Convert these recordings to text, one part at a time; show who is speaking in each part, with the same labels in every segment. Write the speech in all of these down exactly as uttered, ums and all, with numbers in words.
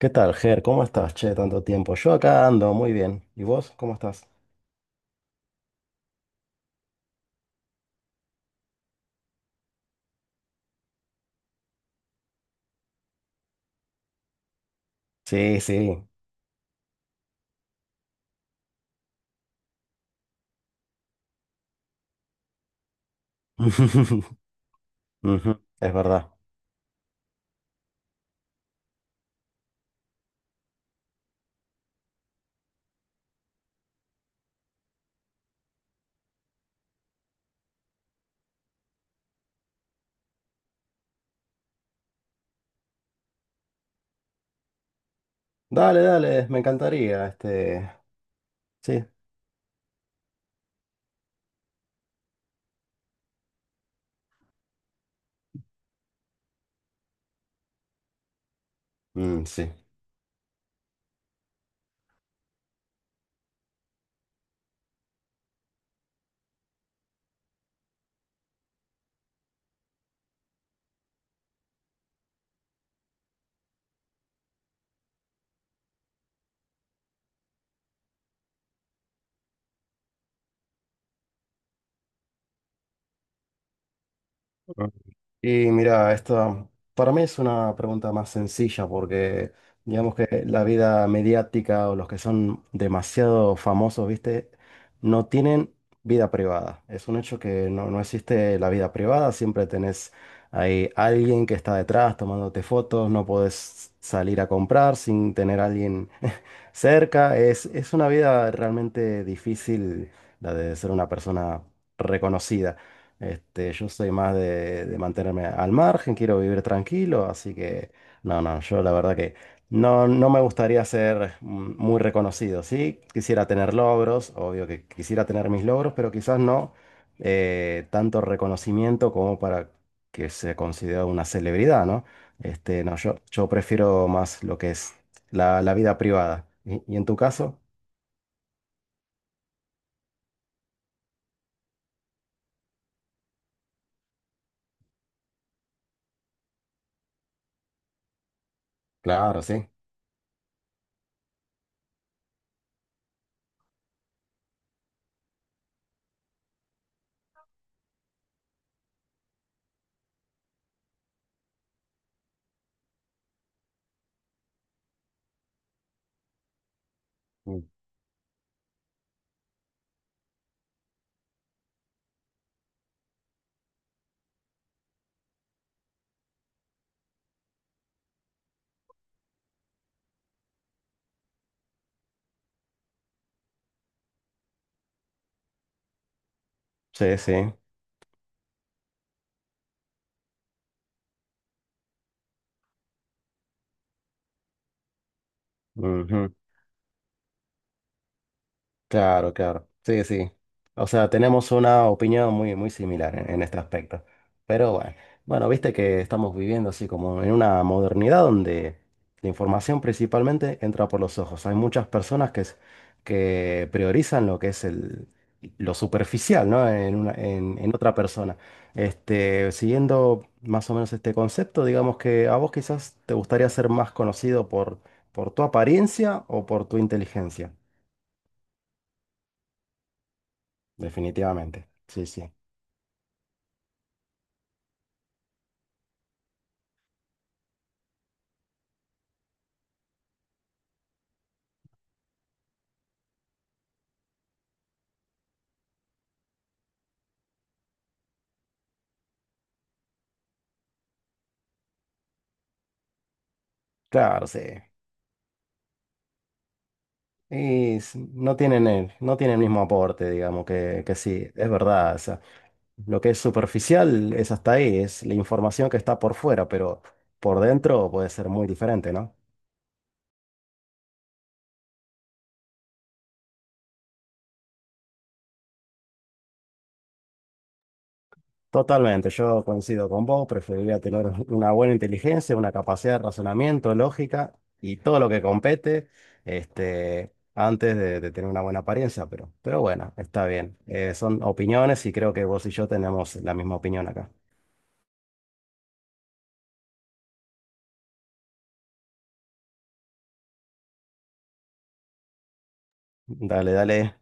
Speaker 1: ¿Qué tal, Ger? ¿Cómo estás? Che, tanto tiempo. Yo acá ando muy bien. ¿Y vos? ¿Cómo estás? Sí, sí. Ujú, es verdad. Dale, dale, me encantaría. Este. Sí. Mm, sí. Y mira, esta para mí es una pregunta más sencilla porque digamos que la vida mediática o los que son demasiado famosos, ¿viste? No tienen vida privada. Es un hecho que no, no existe la vida privada, siempre tenés ahí alguien que está detrás tomándote fotos, no podés salir a comprar sin tener a alguien cerca. Es, es una vida realmente difícil la de ser una persona reconocida. Este, yo soy más de, de mantenerme al margen, quiero vivir tranquilo, así que no, no, yo la verdad que no, no me gustaría ser mm, muy reconocido, ¿sí? Quisiera tener logros, obvio que quisiera tener mis logros, pero quizás no eh, tanto reconocimiento como para que se considere una celebridad, ¿no? Este, no, yo, yo prefiero más lo que es la, la vida privada. ¿Y, y en tu caso? Claro, sí. Mm. Sí, sí. Claro, claro. Sí, sí. O sea, tenemos una opinión muy, muy similar en, en este aspecto. Pero bueno, bueno, viste que estamos viviendo así como en una modernidad donde la información principalmente entra por los ojos. Hay muchas personas que, es- que priorizan lo que es el, lo superficial, ¿no? En una, en, en otra persona. Este, siguiendo más o menos este concepto, digamos que a vos quizás te gustaría ser más conocido por, por tu apariencia o por tu inteligencia. Definitivamente, sí, sí. Claro, sí. Y s- no tienen el, no tienen el mismo aporte, digamos, que, que sí, es verdad. O sea, lo que es superficial es hasta ahí, es la información que está por fuera, pero por dentro puede ser muy diferente, ¿no? Totalmente, yo coincido con vos, preferiría tener una buena inteligencia, una capacidad de razonamiento, lógica y todo lo que compete, este, antes de, de tener una buena apariencia, pero, pero bueno, está bien. Eh, son opiniones y creo que vos y yo tenemos la misma opinión acá. Dale, dale.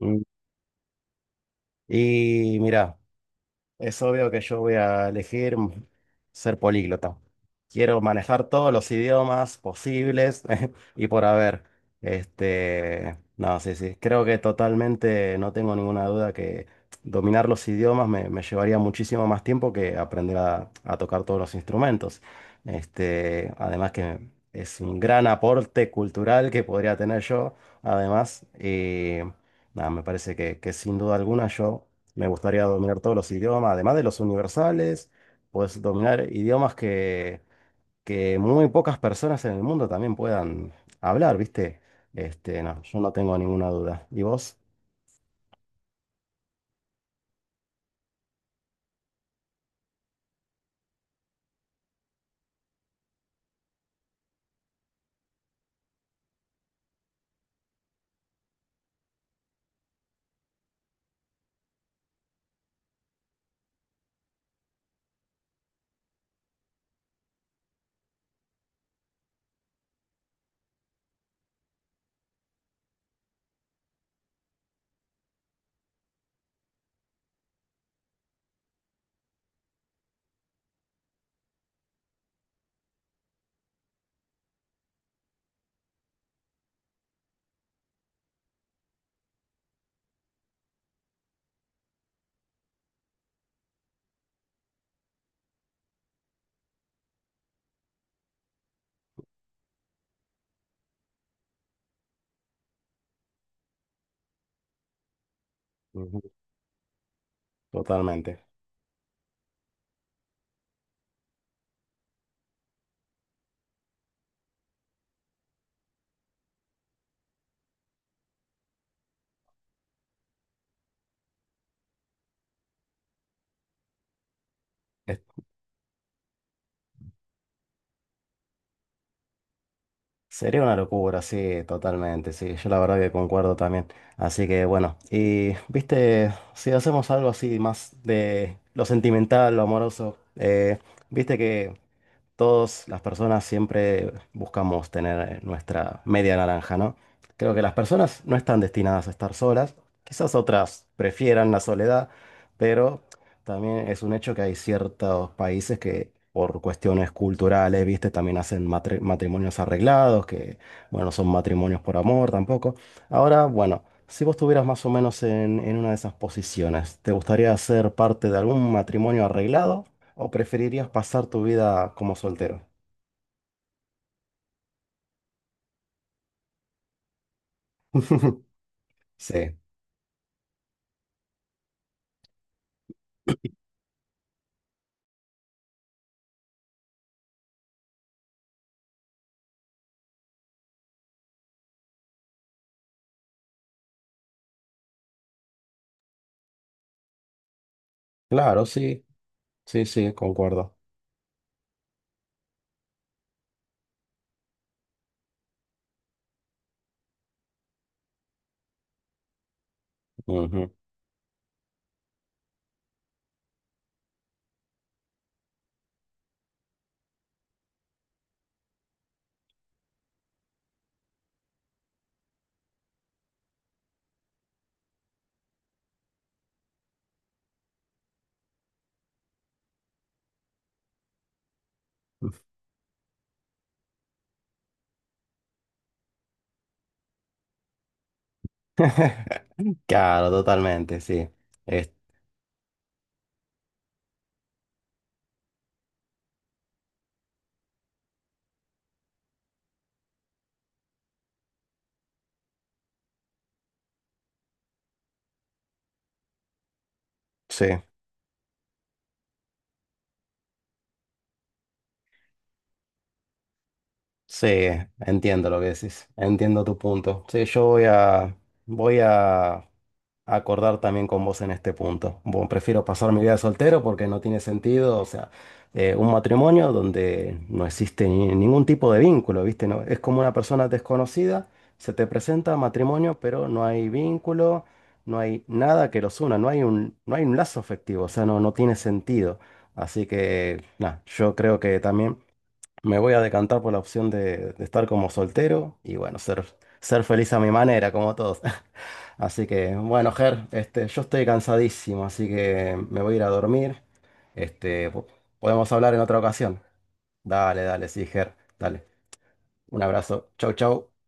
Speaker 1: Mm. Y mira. Es obvio que yo voy a elegir ser políglota. Quiero manejar todos los idiomas posibles y por haber. Este, no, sí, sí. Creo que totalmente no tengo ninguna duda que dominar los idiomas me, me llevaría muchísimo más tiempo que aprender a, a tocar todos los instrumentos. Este, además que es un gran aporte cultural que podría tener yo, además. Y nada, me parece que, que sin duda alguna yo. Me gustaría dominar todos los idiomas, además de los universales, pues dominar idiomas que, que muy pocas personas en el mundo también puedan hablar, ¿viste? Este, no, yo no tengo ninguna duda. ¿Y vos? Ujú, totalmente. Es- sería una locura, sí, totalmente, sí. Yo la verdad que concuerdo también. Así que bueno, y viste, si hacemos algo así más de lo sentimental, lo amoroso, eh, viste que todas las personas siempre buscamos tener eh, nuestra media naranja, ¿no? Creo que las personas no están destinadas a estar solas, quizás otras prefieran la soledad, pero también es un hecho que hay ciertos países que por cuestiones culturales, viste, también hacen matri- matrimonios arreglados, que, bueno, son matrimonios por amor tampoco. Ahora, bueno, si vos estuvieras más o menos en, en una de esas posiciones, ¿te gustaría ser parte de algún matrimonio arreglado? ¿O preferirías pasar tu vida como soltero? Sí, claro, sí, sí, sí, concuerdo. Ujú. Claro, totalmente, sí. Es- sí, sí, entiendo lo que decís, entiendo tu punto. Sí, yo voy a, voy a acordar también con vos en este punto. Bueno, prefiero pasar mi vida de soltero porque no tiene sentido, o sea, eh, un matrimonio donde no existe ni- ningún tipo de vínculo, ¿viste? No, es como una persona desconocida, se te presenta matrimonio, pero no hay vínculo, no hay nada que los una, no hay un, no hay un lazo afectivo, o sea, no, no tiene sentido. Así que, nada, yo creo que también... Me voy a decantar por la opción de, de estar como soltero y bueno, ser, ser feliz a mi manera, como todos. Así que, bueno, Ger, este, yo estoy cansadísimo, así que me voy a ir a dormir. Este, po- podemos hablar en otra ocasión. Dale, dale, sí, Ger, dale. Un abrazo. Chau, chau.